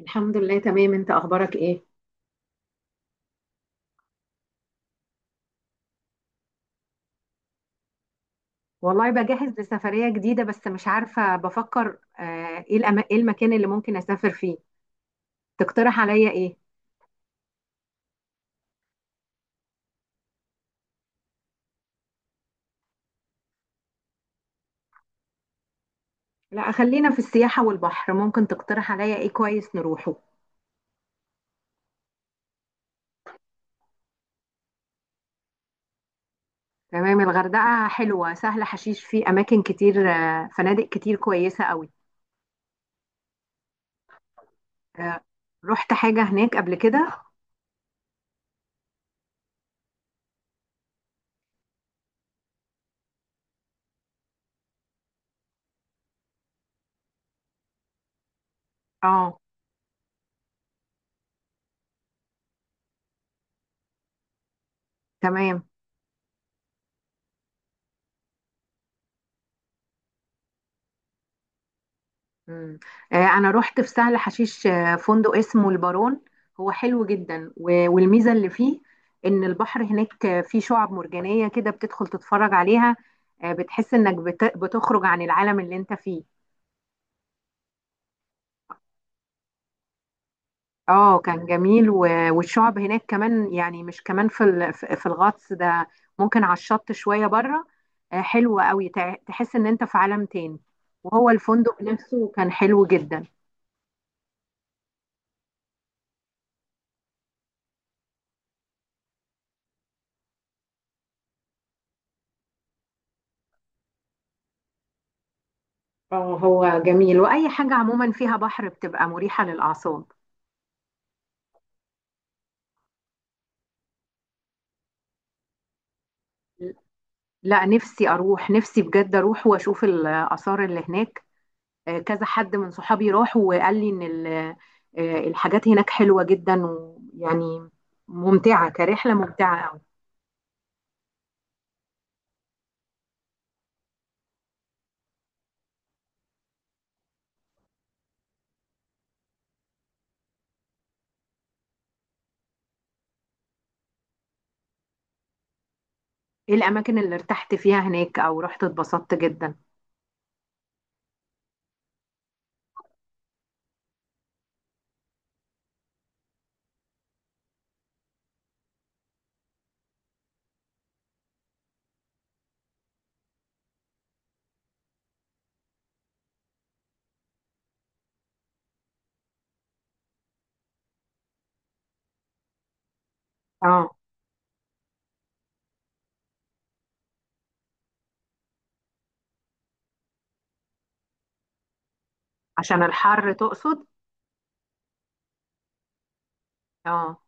الحمد لله تمام، انت اخبارك ايه؟ والله بجهز لسفرية جديدة بس مش عارفة بفكر، ايه ايه المكان اللي ممكن اسافر فيه؟ تقترح عليا ايه؟ لا خلينا في السياحة والبحر، ممكن تقترح عليا ايه كويس نروحه؟ تمام، الغردقة حلوة، سهلة حشيش، في اماكن كتير، فنادق كتير كويسة قوي. آه، رحت حاجة هناك قبل كده؟ اه تمام. مم. انا رحت في سهل حشيش، فندق اسمه البارون. هو حلو جدا والميزه اللي فيه ان البحر هناك فيه شعاب مرجانيه كده، بتدخل تتفرج عليها. بتحس انك بتخرج عن العالم اللي انت فيه. اه كان جميل والشعب هناك كمان، يعني مش كمان في ال- في في الغطس ده، ممكن على الشط شويه بره. حلو قوي، تحس ان انت في عالم تاني. وهو الفندق نفسه كان حلو جدا. اه هو جميل، واي حاجه عموما فيها بحر بتبقى مريحه للاعصاب. لا نفسي اروح، نفسي بجد اروح واشوف الاثار اللي هناك. كذا حد من صحابي راح وقال لي ان الحاجات هناك حلوه جدا، ويعني ممتعه، كرحله ممتعه قوي. ايه الاماكن اللي ارتحت فيها هناك او رحت اتبسطت جدا؟ اه. عشان الحر تقصد؟ اه.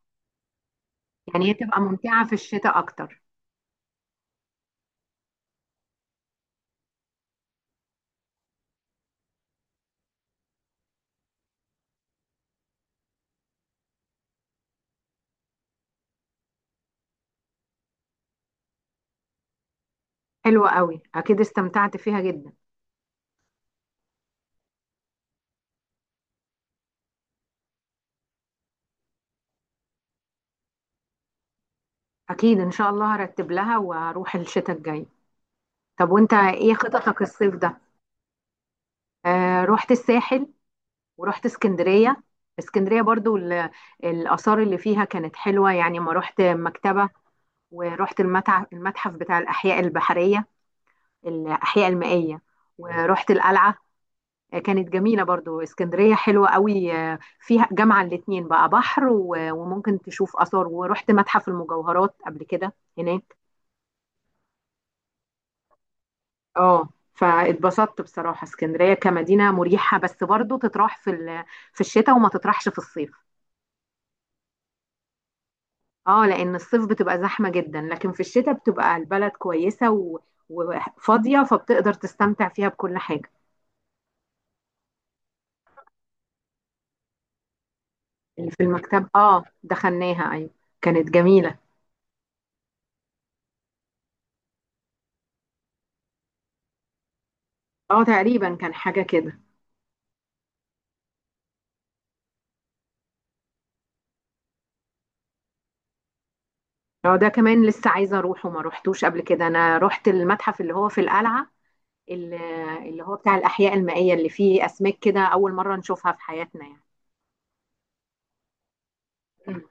يعني هي تبقى ممتعه في الشتاء اكتر. حلوه قوي، اكيد استمتعت فيها جدا. أكيد إن شاء الله هرتب لها وهروح الشتاء الجاي. طب وأنت إيه خططك الصيف ده؟ آه رحت الساحل، ورحت اسكندرية. اسكندرية برضو الآثار اللي فيها كانت حلوة، يعني ما رحت مكتبة، ورحت المتحف، المتحف بتاع الأحياء البحرية، الأحياء المائية، ورحت القلعة. كانت جميلة برضو، اسكندرية حلوة قوي. فيها جامعة الاتنين بقى، بحر وممكن تشوف آثار. ورحت متحف المجوهرات قبل كده هناك. اه، فاتبسطت بصراحة. اسكندرية كمدينة مريحة، بس برضو تطرح في في الشتاء وما تطرحش في الصيف. اه لأن الصيف بتبقى زحمة جدا، لكن في الشتاء بتبقى البلد كويسة وفاضية، فبتقدر تستمتع فيها بكل حاجة. اللي في المكتب، اه دخلناها ايوه، كانت جميلة. اه تقريبا كان حاجة كده. اه ده كمان لسه عايزة اروح وما روحتوش قبل كده. انا رحت المتحف اللي هو في القلعة، اللي اللي هو بتاع الأحياء المائية، اللي فيه أسماك كده أول مرة نشوفها في حياتنا. يعني،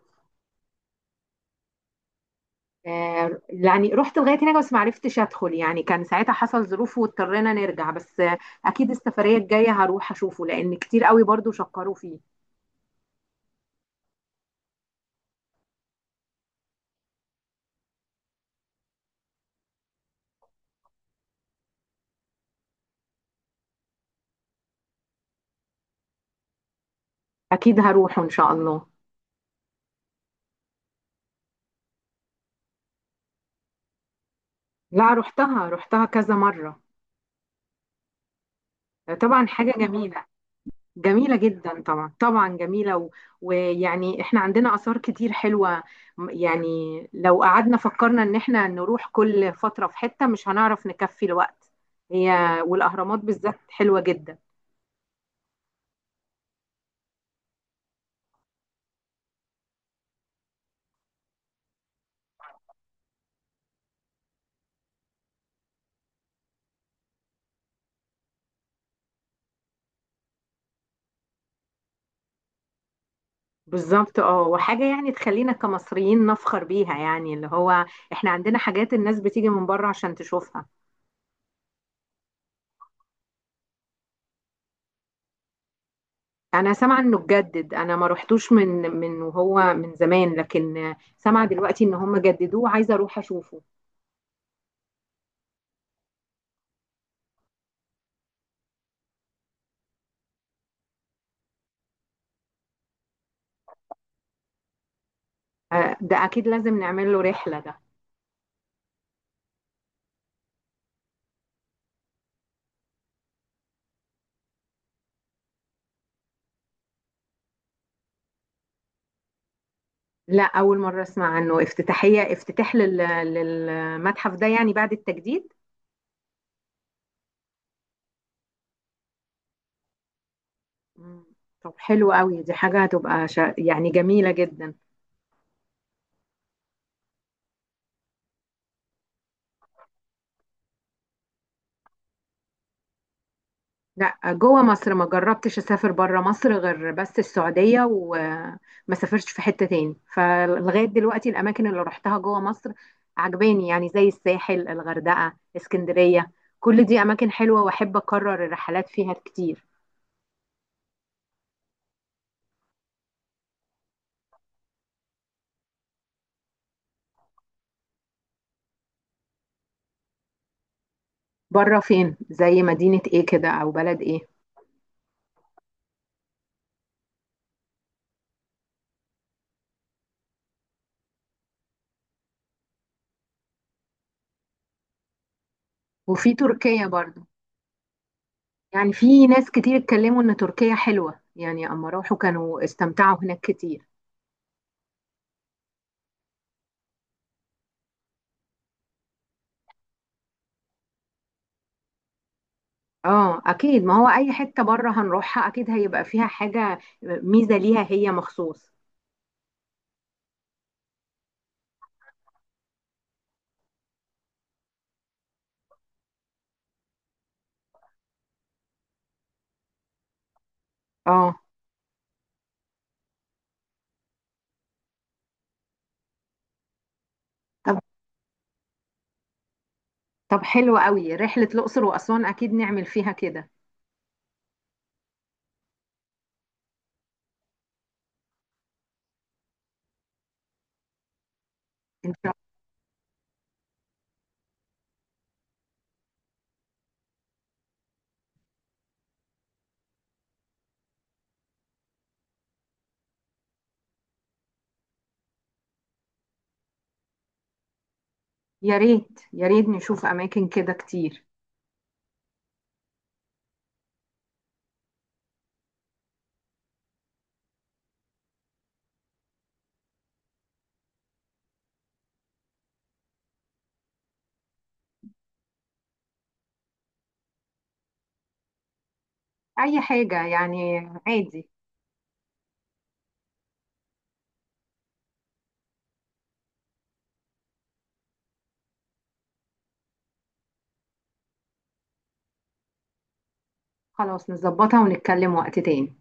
يعني رحت لغايه هناك بس ما عرفتش ادخل، يعني كان ساعتها حصل ظروف واضطرينا نرجع، بس اكيد السفريه الجايه هروح اشوفه، لان كتير قوي برضو شكروا فيه. اكيد هروحه ان شاء الله. لا رحتها، رحتها كذا مره. طبعا حاجه جميله، جميله جدا طبعا، طبعا جميله، و... ويعني احنا عندنا اثار كتير حلوه. يعني لو قعدنا فكرنا ان احنا نروح كل فتره في حته مش هنعرف نكفي الوقت. هي والاهرامات بالذات حلوه جدا. بالظبط اه، وحاجة يعني تخلينا كمصريين نفخر بيها، يعني اللي هو احنا عندنا حاجات الناس بتيجي من بره عشان تشوفها. انا سامعة انه اتجدد، انا ما روحتوش من وهو من زمان، لكن سامعة دلوقتي ان هم جددوه، عايزة اروح اشوفه. ده اكيد لازم نعمل له رحلة ده. لا اول مرة اسمع عنه افتتاحية، افتتاح للمتحف ده يعني بعد التجديد. مم. طب حلو قوي، دي حاجة هتبقى يعني جميلة جدا. لا جوه مصر، ما جربتش اسافر بره مصر غير بس السعوديه، وما سافرتش في حته تاني. فلغايه دلوقتي الاماكن اللي رحتها جوه مصر عجباني، يعني زي الساحل، الغردقه، اسكندريه، كل دي اماكن حلوه واحب اكرر الرحلات فيها كتير. بره فين؟ زي مدينه ايه كده او بلد ايه؟ وفي تركيا برضو، يعني في ناس كتير اتكلموا ان تركيا حلوه، يعني اما راحوا كانوا استمتعوا هناك كتير. اه اكيد، ما هو اي حتة بره هنروحها اكيد هيبقى فيها حاجة ميزة ليها هي مخصوص. اه طب، طب حلو قوي، رحلة الاقصر واسوان اكيد نعمل فيها كده ان شاء الله. يا ريت يا ريت نشوف اماكن كده كتير. اي حاجة يعني، عادي. خلاص نظبطها ونتكلم وقت تاني.